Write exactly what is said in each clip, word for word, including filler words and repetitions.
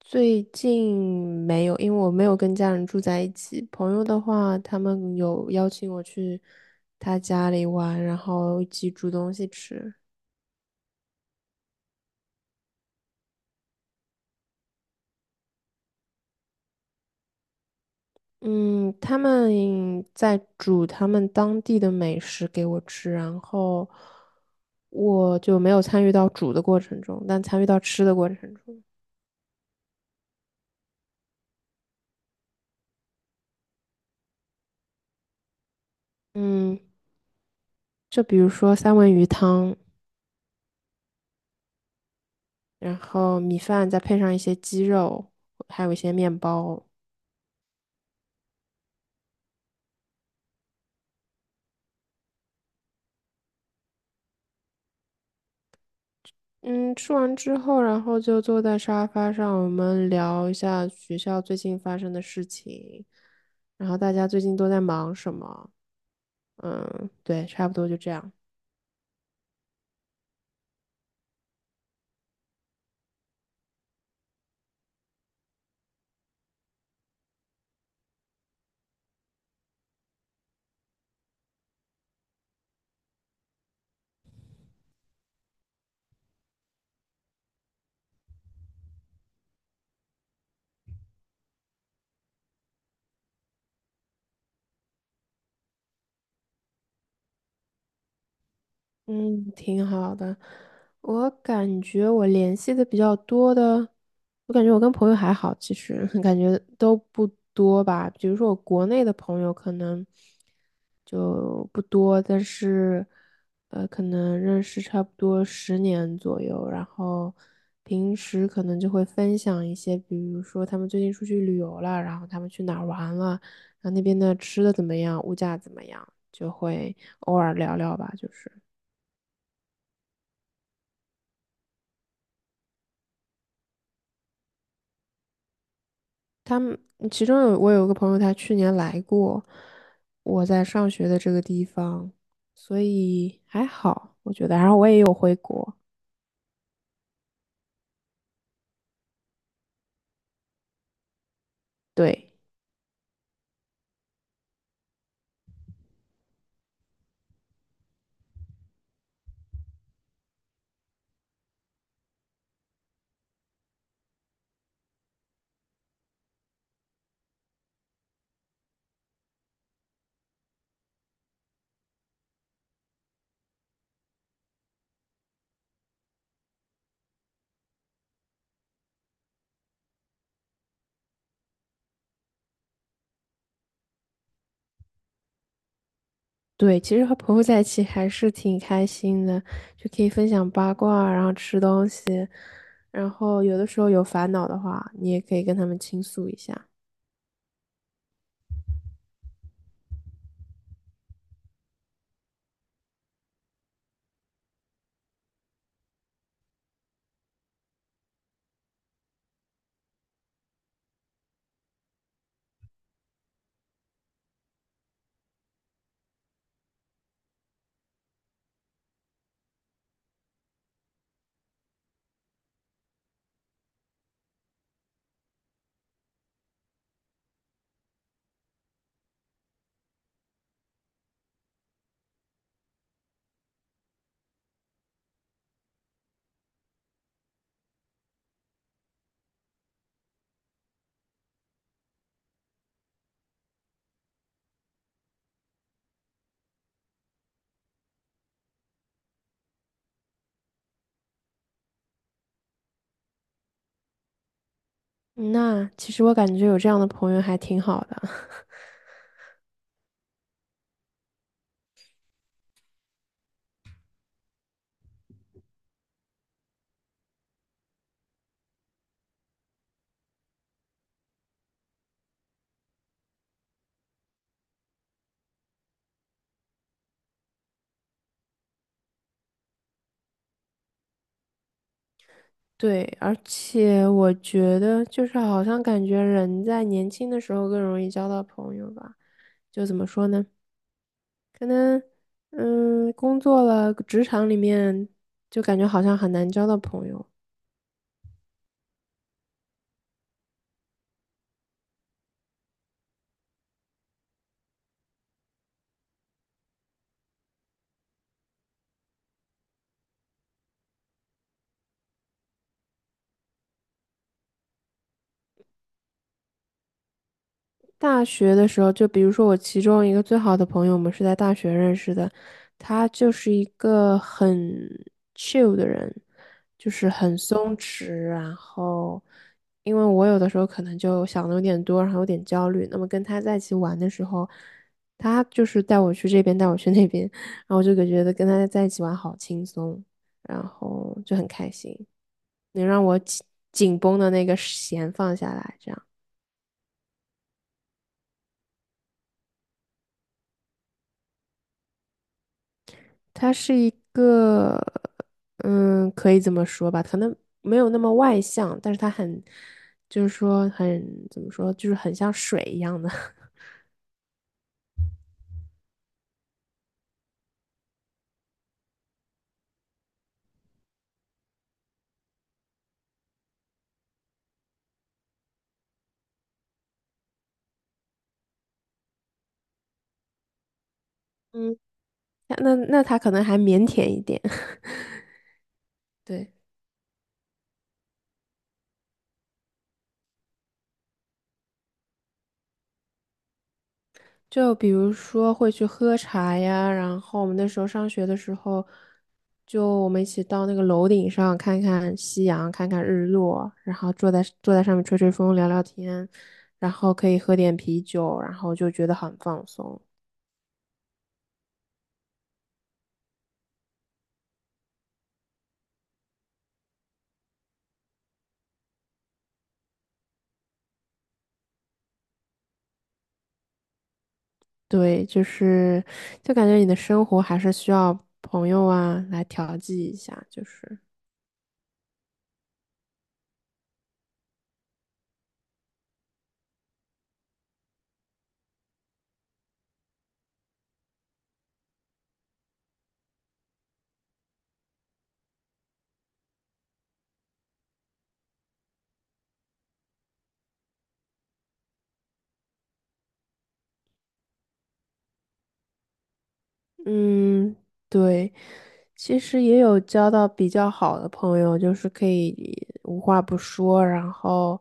最近没有，因为我没有跟家人住在一起。朋友的话，他们有邀请我去他家里玩，然后一起煮东西吃。嗯，他们在煮他们当地的美食给我吃，然后我就没有参与到煮的过程中，但参与到吃的过程中。嗯，就比如说三文鱼汤，然后米饭再配上一些鸡肉，还有一些面包。嗯，吃完之后，然后就坐在沙发上，我们聊一下学校最近发生的事情，然后大家最近都在忙什么？嗯，对，差不多就这样。嗯，挺好的。我感觉我联系的比较多的，我感觉我跟朋友还好，其实 感觉都不多吧。比如说我国内的朋友可能就不多，但是呃，可能认识差不多十年左右，然后平时可能就会分享一些，比如说他们最近出去旅游了，然后他们去哪儿玩了，然后那边的吃的怎么样，物价怎么样，就会偶尔聊聊吧，就是。他们其中有我有个朋友，他去年来过我在上学的这个地方，所以还好，我觉得。然后我也有回国。对对，其实和朋友在一起还是挺开心的，就可以分享八卦啊，然后吃东西，然后有的时候有烦恼的话，你也可以跟他们倾诉一下。那其实我感觉有这样的朋友还挺好的。对，而且我觉得就是好像感觉人在年轻的时候更容易交到朋友吧，就怎么说呢？可能嗯，工作了，职场里面就感觉好像很难交到朋友。大学的时候，就比如说我其中一个最好的朋友，我们是在大学认识的，他就是一个很 chill 的人，就是很松弛。然后，因为我有的时候可能就想的有点多，然后有点焦虑，那么跟他在一起玩的时候，他就是带我去这边，带我去那边，然后我就觉得跟他在一起玩好轻松，然后就很开心，能让我紧紧绷的那个弦放下来，这样。他是一个，嗯，可以这么说吧，可能没有那么外向，但是他很，就是说很，怎么说，就是很像水一样的。嗯，那那那他可能还腼腆一点。对，就比如说会去喝茶呀，然后我们那时候上学的时候，就我们一起到那个楼顶上看看夕阳，看看日落，然后坐在坐在上面吹吹风，聊聊天，然后可以喝点啤酒，然后就觉得很放松。对，就是就感觉你的生活还是需要朋友啊来调剂一下，就是嗯，对，其实也有交到比较好的朋友，就是可以无话不说，然后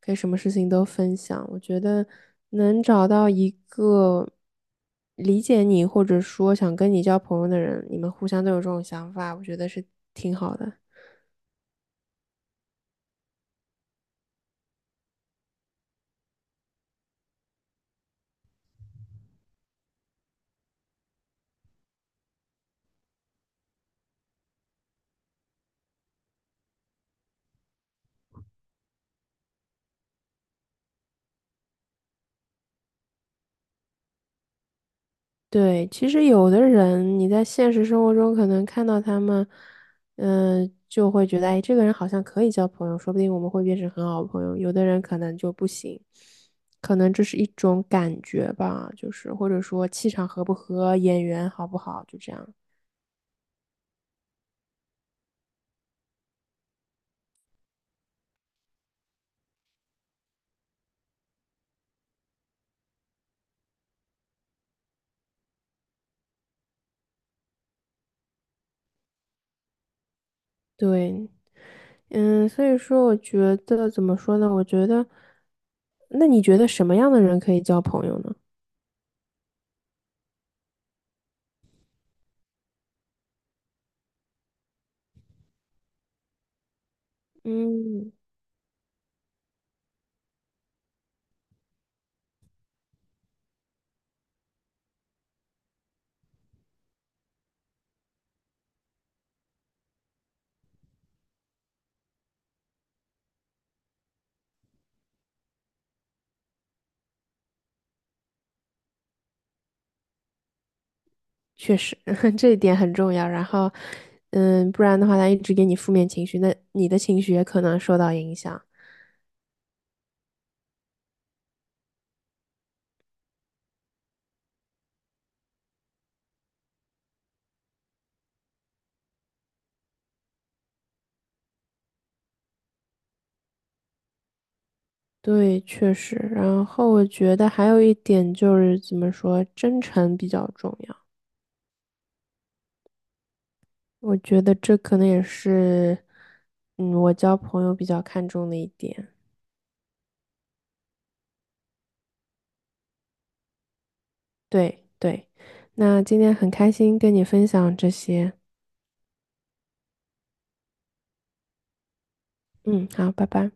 可以什么事情都分享。我觉得能找到一个理解你或者说想跟你交朋友的人，你们互相都有这种想法，我觉得是挺好的。对，其实有的人你在现实生活中可能看到他们，嗯、就会觉得，哎，这个人好像可以交朋友，说不定我们会变成很好的朋友。有的人可能就不行，可能这是一种感觉吧，就是或者说气场合不合，眼缘好不好，就这样。对，嗯，所以说我觉得怎么说呢？我觉得，那你觉得什么样的人可以交朋友呢？嗯。确实，这一点很重要。然后，嗯，不然的话，他一直给你负面情绪，那你的情绪也可能受到影响。对，确实。然后我觉得还有一点就是怎么说，真诚比较重要。我觉得这可能也是，嗯，我交朋友比较看重的一点。对对。那今天很开心跟你分享这些。嗯，好，拜拜。